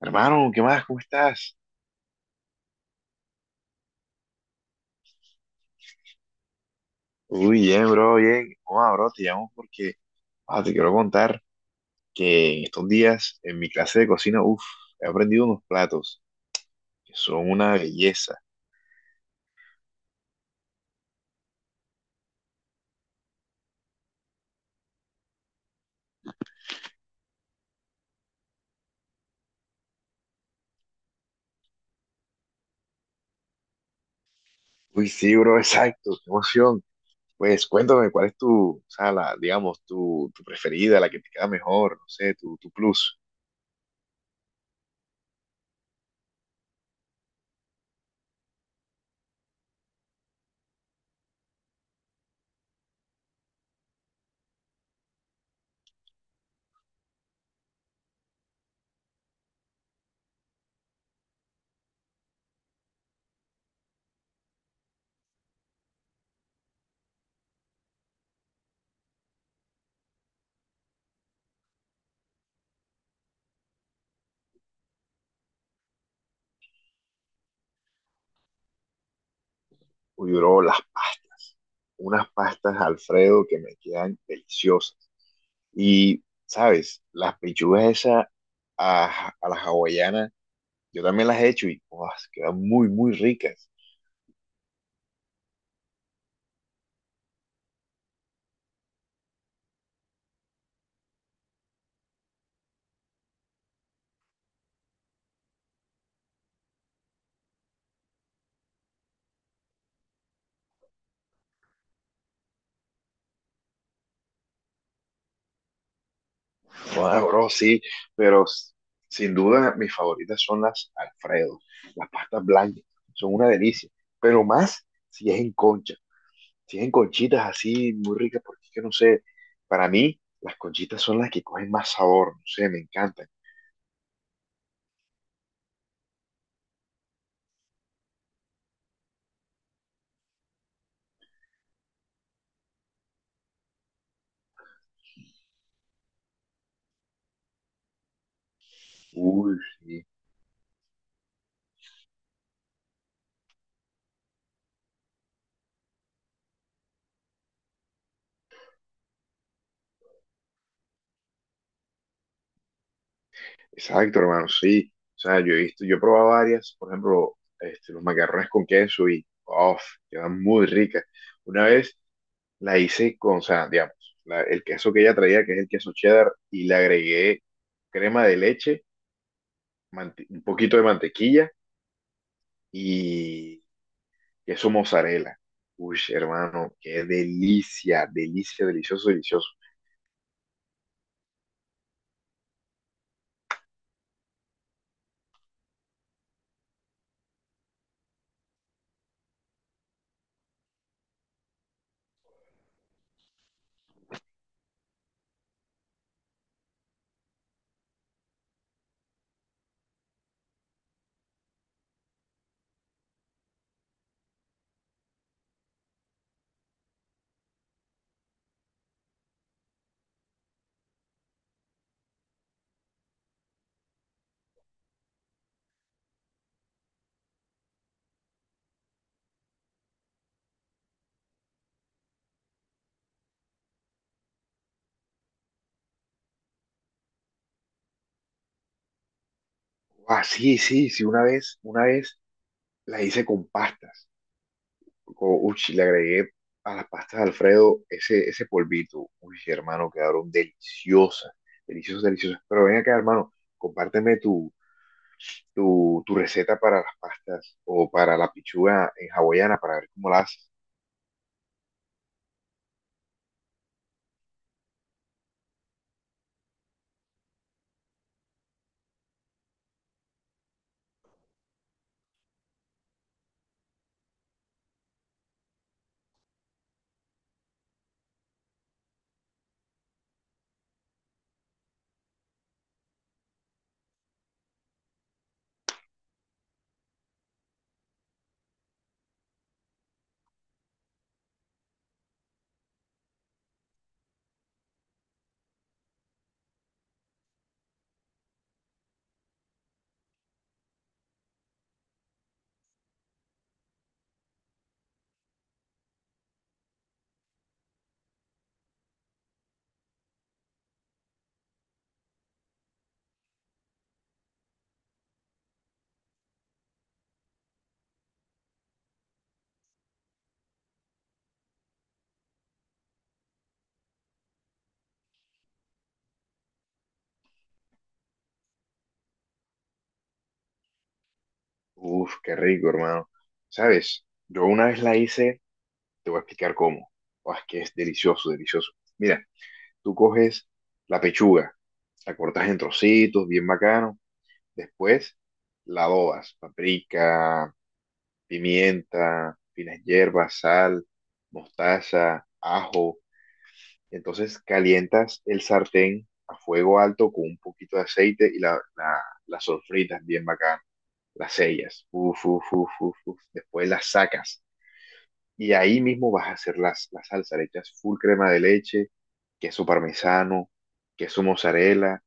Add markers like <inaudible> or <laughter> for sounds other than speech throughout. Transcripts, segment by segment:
Hermano, ¿qué más? ¿Cómo estás? Uy, bien, bro, bien. Hola, bro, te llamo porque te quiero contar que en estos días en mi clase de cocina, uff, he aprendido unos platos que son una belleza. Uy, sí, bro, <laughs> exacto, qué emoción. Pues cuéntame, ¿cuál es tu, o sea, la, digamos, tu preferida, la que te queda mejor, no sé, tu plus? Uy, bro, las pastas. Unas pastas Alfredo que me quedan deliciosas. Y ¿sabes? Las pechugas esas a la hawaiana yo también las he hecho, y ¡guau!, quedan muy, muy ricas. Wow, bro, sí, pero sin duda mis favoritas son las Alfredo, las pastas blancas, son una delicia, pero más si es en concha, si es en conchitas así muy ricas, porque es que no sé, para mí las conchitas son las que cogen más sabor, no sé, me encantan. Uy, sí, exacto, hermano, sí. O sea, yo he visto, yo he probado varias, por ejemplo, este, los macarrones con queso y, uff, quedan muy ricas. Una vez la hice con, o sea, digamos, el queso que ella traía, que es el queso cheddar, y le agregué crema de leche, un poquito de mantequilla y queso mozzarella. Uy, hermano, qué delicia, delicia, delicioso, delicioso. Ah, sí, sí, sí, una vez la hice con pastas. Uy, le agregué a las pastas de Alfredo ese polvito. Uy, hermano, quedaron deliciosas, deliciosas, deliciosas. Pero ven acá, hermano, compárteme tu receta para las pastas o para la pichuga en hawaiana para ver cómo la haces. Uf, qué rico, hermano. ¿Sabes? Yo una vez la hice, te voy a explicar cómo. Oh, es que es delicioso, delicioso. Mira, tú coges la pechuga, la cortas en trocitos, bien bacano. Después la adobas: paprika, pimienta, finas hierbas, sal, mostaza, ajo. Entonces calientas el sartén a fuego alto con un poquito de aceite y la sofritas bien bacán, las sellas, uf, uf, uf, uf, uf. Después las sacas y ahí mismo vas a hacer la salsa, le echas full crema de leche, queso parmesano, queso mozzarella,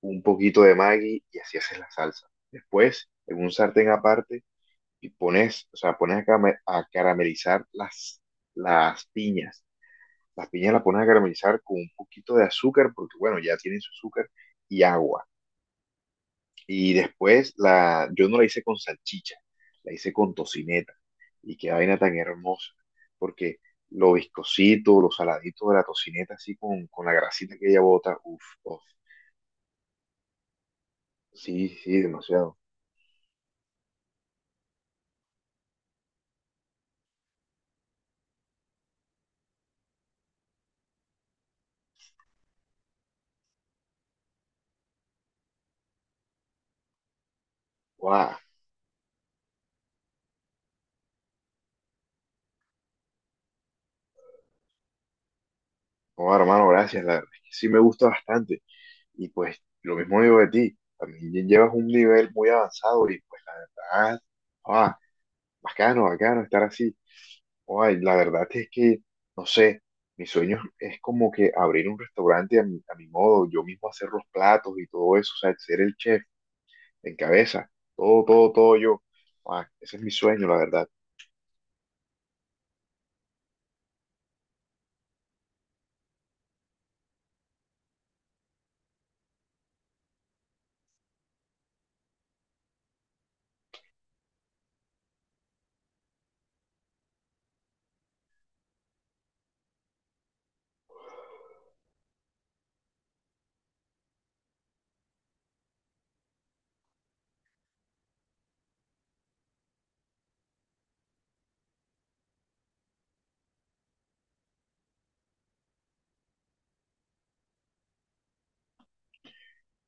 un poquito de Maggi, y así haces la salsa. Después, en un sartén aparte, y pones, o sea, pones a, a caramelizar las piñas, la piña la pones a caramelizar con un poquito de azúcar, porque bueno, ya tiene su azúcar y agua. Y después la, yo no la hice con salchicha, la hice con tocineta. Y qué vaina tan hermosa, porque lo viscosito, lo saladito de la tocineta, así con la grasita que ella bota, uff, uff. Sí, sí, demasiado. Wow, wow, hermano, gracias, la verdad es que sí me gusta bastante. Y pues lo mismo digo de ti, también llevas un nivel muy avanzado y pues la verdad, wow, bacano, bacano estar así. Ay, la verdad es que, no sé, mi sueño es como que abrir un restaurante a a mi modo, yo mismo hacer los platos y todo eso, o sea, ser el chef en cabeza, todo, todo, todo yo. Ah, ese es mi sueño, la verdad.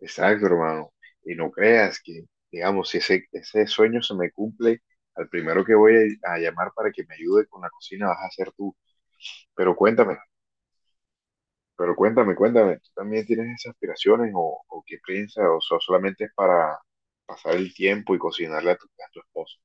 Exacto, hermano. Y no creas que, digamos, si ese sueño se me cumple, al primero que voy a llamar para que me ayude con la cocina vas a ser tú. Pero cuéntame, Pero cuéntame, cuéntame, ¿tú también tienes esas aspiraciones o qué piensas? ¿O solamente es para pasar el tiempo y cocinarle a a tu esposo?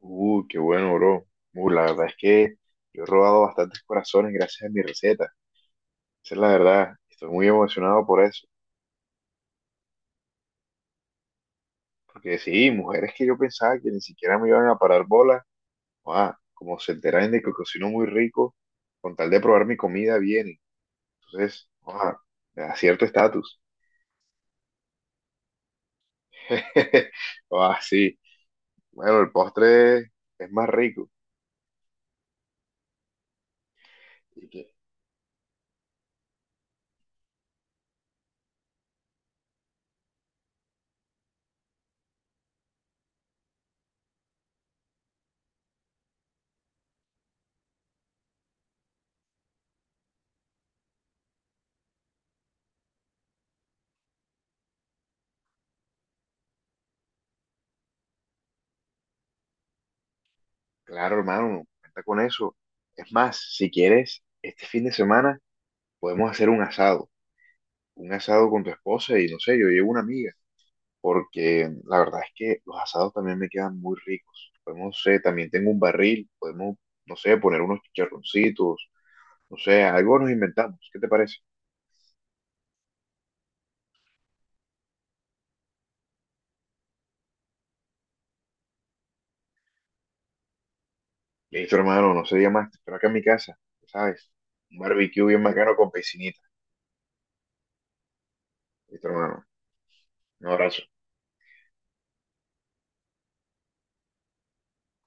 Qué bueno, bro. La verdad es que yo he robado bastantes corazones gracias a mi receta. Esa es la verdad. Estoy muy emocionado por eso. Porque sí, mujeres que yo pensaba que ni siquiera me iban a parar bola, ah, como se enteran de que cocino muy rico, con tal de probar mi comida vienen. Entonces, ah, me da cierto estatus. <laughs> Ah, sí. Bueno, el postre es más rico. Y que, claro, hermano, cuenta con eso. Es más, si quieres, este fin de semana podemos hacer un asado. Un asado con tu esposa y no sé, yo llevo una amiga. Porque la verdad es que los asados también me quedan muy ricos. Podemos, no sé, también tengo un barril. Podemos, no sé, poner unos chicharroncitos. No sé, algo nos inventamos. ¿Qué te parece? Listo, hermano, no se diga más. Te espero acá en mi casa, ya ¿sabes? Un barbecue bien bacano con piscinita. Listo, hermano. Un abrazo.